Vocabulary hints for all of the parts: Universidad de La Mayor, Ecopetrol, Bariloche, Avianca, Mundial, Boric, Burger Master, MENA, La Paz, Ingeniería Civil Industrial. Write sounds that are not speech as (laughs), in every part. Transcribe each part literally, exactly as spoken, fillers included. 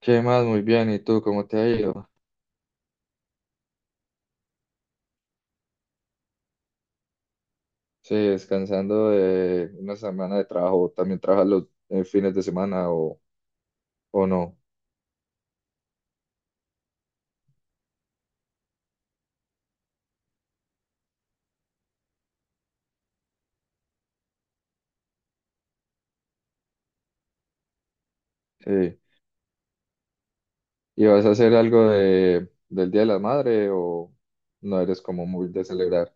¿Qué más? Muy bien. ¿Y tú cómo te ha ido? Sí, descansando de una semana de trabajo. ¿También trabajas los eh, fines de semana o, o no? Sí. ¿Y vas a hacer algo de, del Día de la Madre o no eres como muy de celebrar?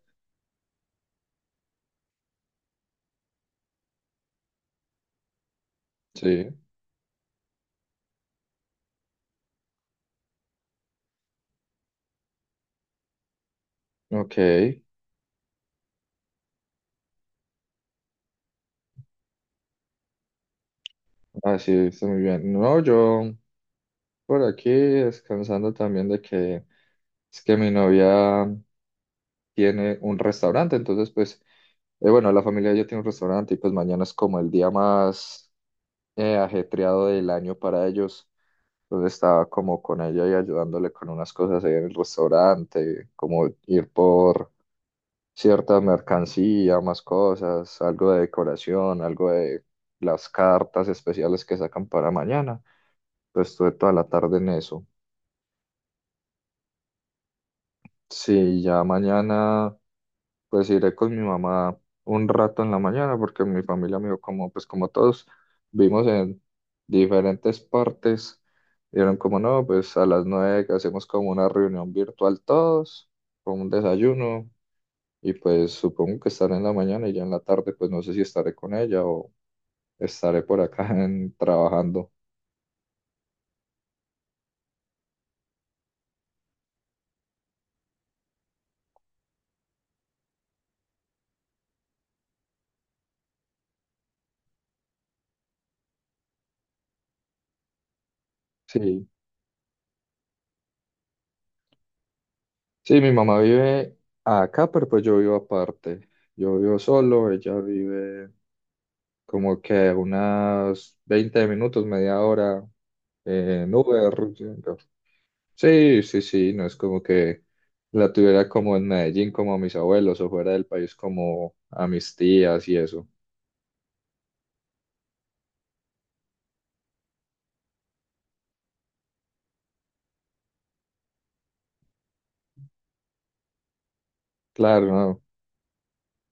Sí. Ok. Así está muy bien. No, yo por aquí descansando también de que es que mi novia tiene un restaurante. Entonces, pues, eh, bueno, la familia ya tiene un restaurante y pues mañana es como el día más. Eh, ajetreado del año para ellos. Entonces estaba como con ella y ayudándole con unas cosas ahí en el restaurante, como ir por cierta mercancía, más cosas, algo de decoración, algo de las cartas especiales que sacan para mañana. Pues estuve toda la tarde en eso. Sí, ya mañana pues iré con mi mamá un rato en la mañana porque mi familia, me como pues como todos vimos en diferentes partes, dieron como no pues a las nueve que hacemos como una reunión virtual todos con un desayuno. Y pues supongo que estaré en la mañana y ya en la tarde pues no sé si estaré con ella o estaré por acá (laughs) en- trabajando. Sí, sí mi mamá vive acá pero pues yo vivo aparte, yo vivo solo, ella vive como que unas veinte minutos, media hora eh, en Uber yendo. Sí, sí, sí, no es como que la tuviera como en Medellín, como a mis abuelos, o fuera del país, como a mis tías y eso. Claro, ¿no?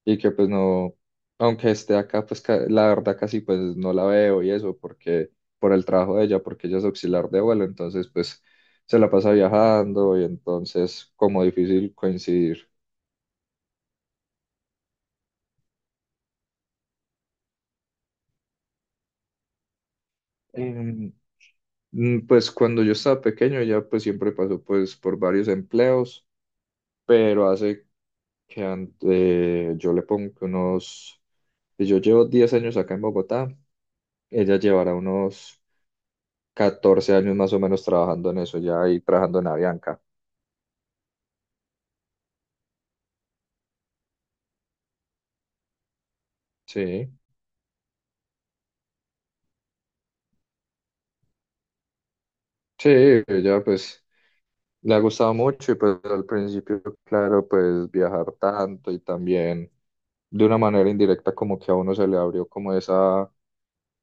Y que pues no, aunque esté acá, pues ca- la verdad casi pues no la veo y eso, porque por el trabajo de ella, porque ella es auxiliar de vuelo, entonces pues se la pasa viajando y entonces como difícil coincidir. Em, Mm, Pues cuando yo estaba pequeño ya pues siempre pasó pues por varios empleos, pero hace que ante- yo le pongo que unos, si yo llevo diez años acá en Bogotá, ella llevará unos catorce años más o menos trabajando en eso ya, y trabajando en Avianca. Sí, sí, ella pues le ha gustado mucho y pues al principio, claro, pues viajar tanto y también de una manera indirecta como que a uno se le abrió como esa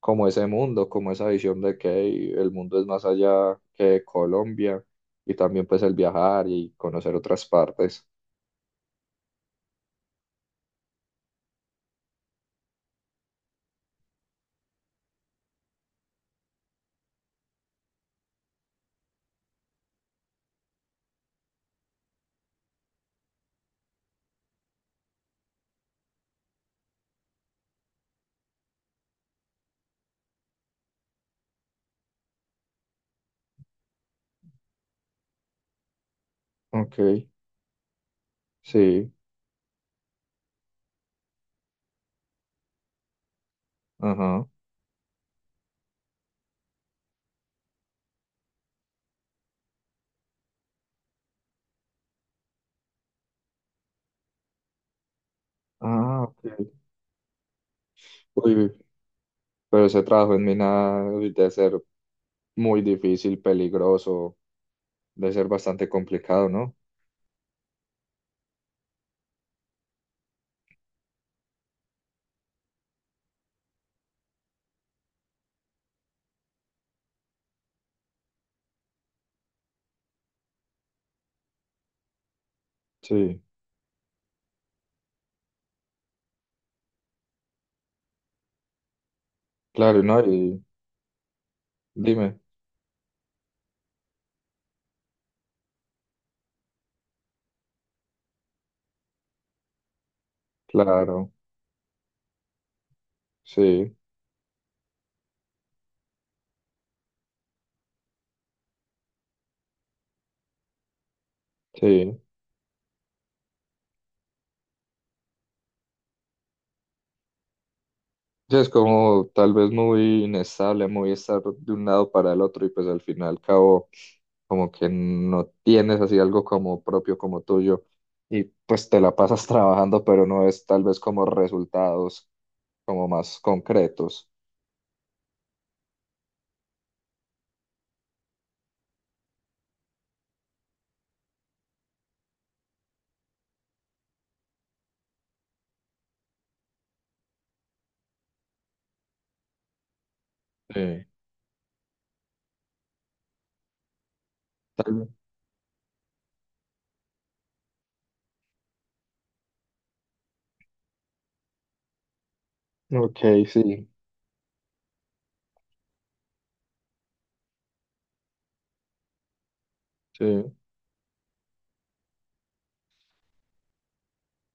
como ese mundo, como esa visión de que hey, el mundo es más allá que Colombia, y también pues el viajar y conocer otras partes. Ok, sí, ajá. Ah, ok. Uy, pero ese trabajo en mina debe ser muy difícil, peligroso, debe ser bastante complicado, ¿no? Sí, claro, ¿no? Y dime, claro, sí, sí. Sí, es como tal vez muy inestable, muy estar de un lado para el otro y pues al final al cabo como que no tienes así algo como propio, como tuyo, y pues te la pasas (laughs) trabajando pero no es tal vez como resultados como más concretos. Sí. Tal vez. Ok, sí, sí.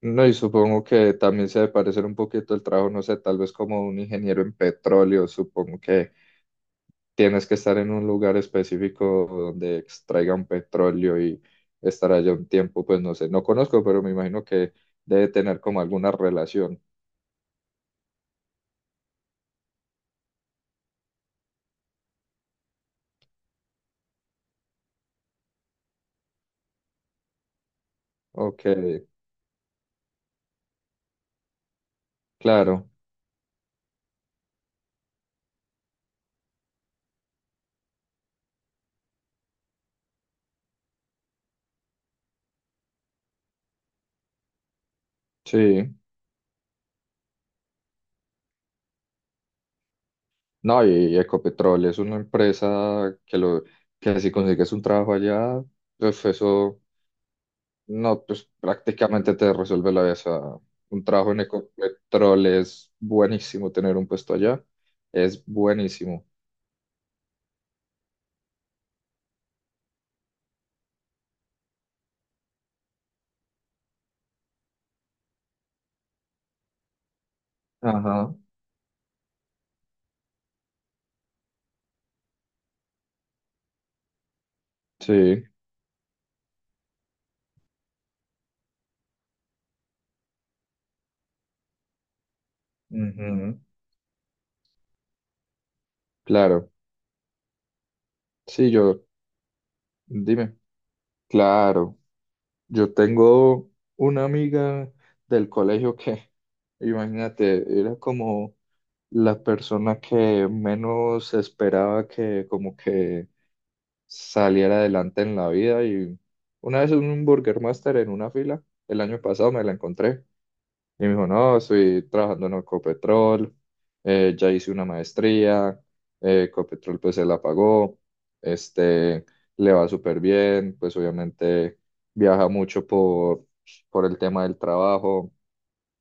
No, y supongo que también se debe parecer un poquito el trabajo, no sé, tal vez como un ingeniero en petróleo, supongo que tienes que estar en un lugar específico donde extraigan petróleo y estar allá un tiempo, pues no sé, no conozco, pero me imagino que debe tener como alguna relación. Ok, claro, sí. No, y Ecopetrol es una empresa que lo que si consigues un trabajo allá, pues eso no, pues prácticamente te resuelve la vida. O sea, un trabajo en Ecopetrol es buenísimo, tener un puesto allá es buenísimo. Ajá, sí. Ujú. Claro, sí, yo, dime, claro, yo tengo una amiga del colegio que, (laughs) imagínate, era como la persona que menos esperaba que como que saliera adelante en la vida. Y una vez en un Burger Master en una fila, el año pasado me la encontré. Y me dijo, no, estoy trabajando en Ecopetrol, eh, ya hice una maestría, eh, Ecopetrol pues se la pagó, este, le va súper bien, pues obviamente viaja mucho por, por el tema del trabajo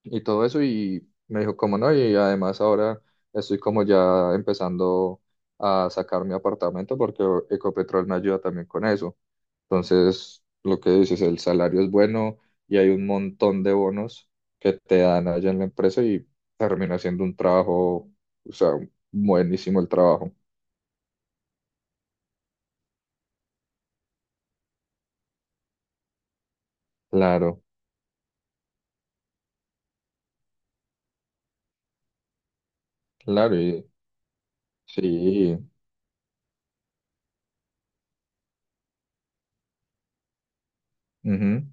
y todo eso. Y me dijo, como no, y además ahora estoy como ya empezando a sacar mi apartamento porque Ecopetrol me ayuda también con eso. Entonces, lo que dices, el salario es bueno y hay un montón de bonos que te dan allá en la empresa y termina siendo un trabajo, o sea, buenísimo el trabajo. Claro, claro, y sí, ujú,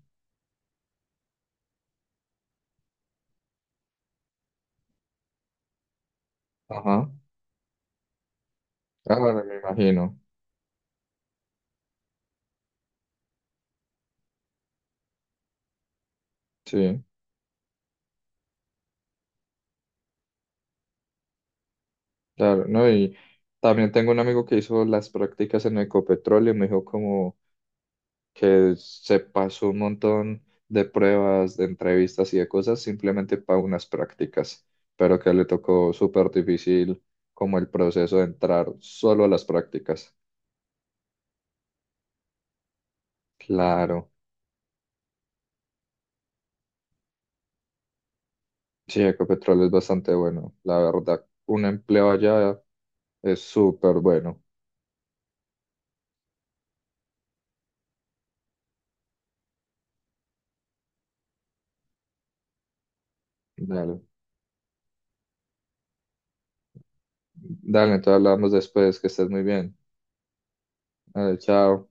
ajá, claro, me imagino, sí, claro, no, y también tengo un amigo que hizo las prácticas en Ecopetrol y me dijo como, que se pasó un montón de pruebas, de entrevistas y de cosas simplemente para unas prácticas, pero que le tocó súper difícil como el proceso de entrar solo a las prácticas. Claro, sí, Ecopetrol es bastante bueno, la verdad. Un empleo allá es súper bueno. Dale, dale, entonces hablamos después, que estés muy bien. Dale, chao.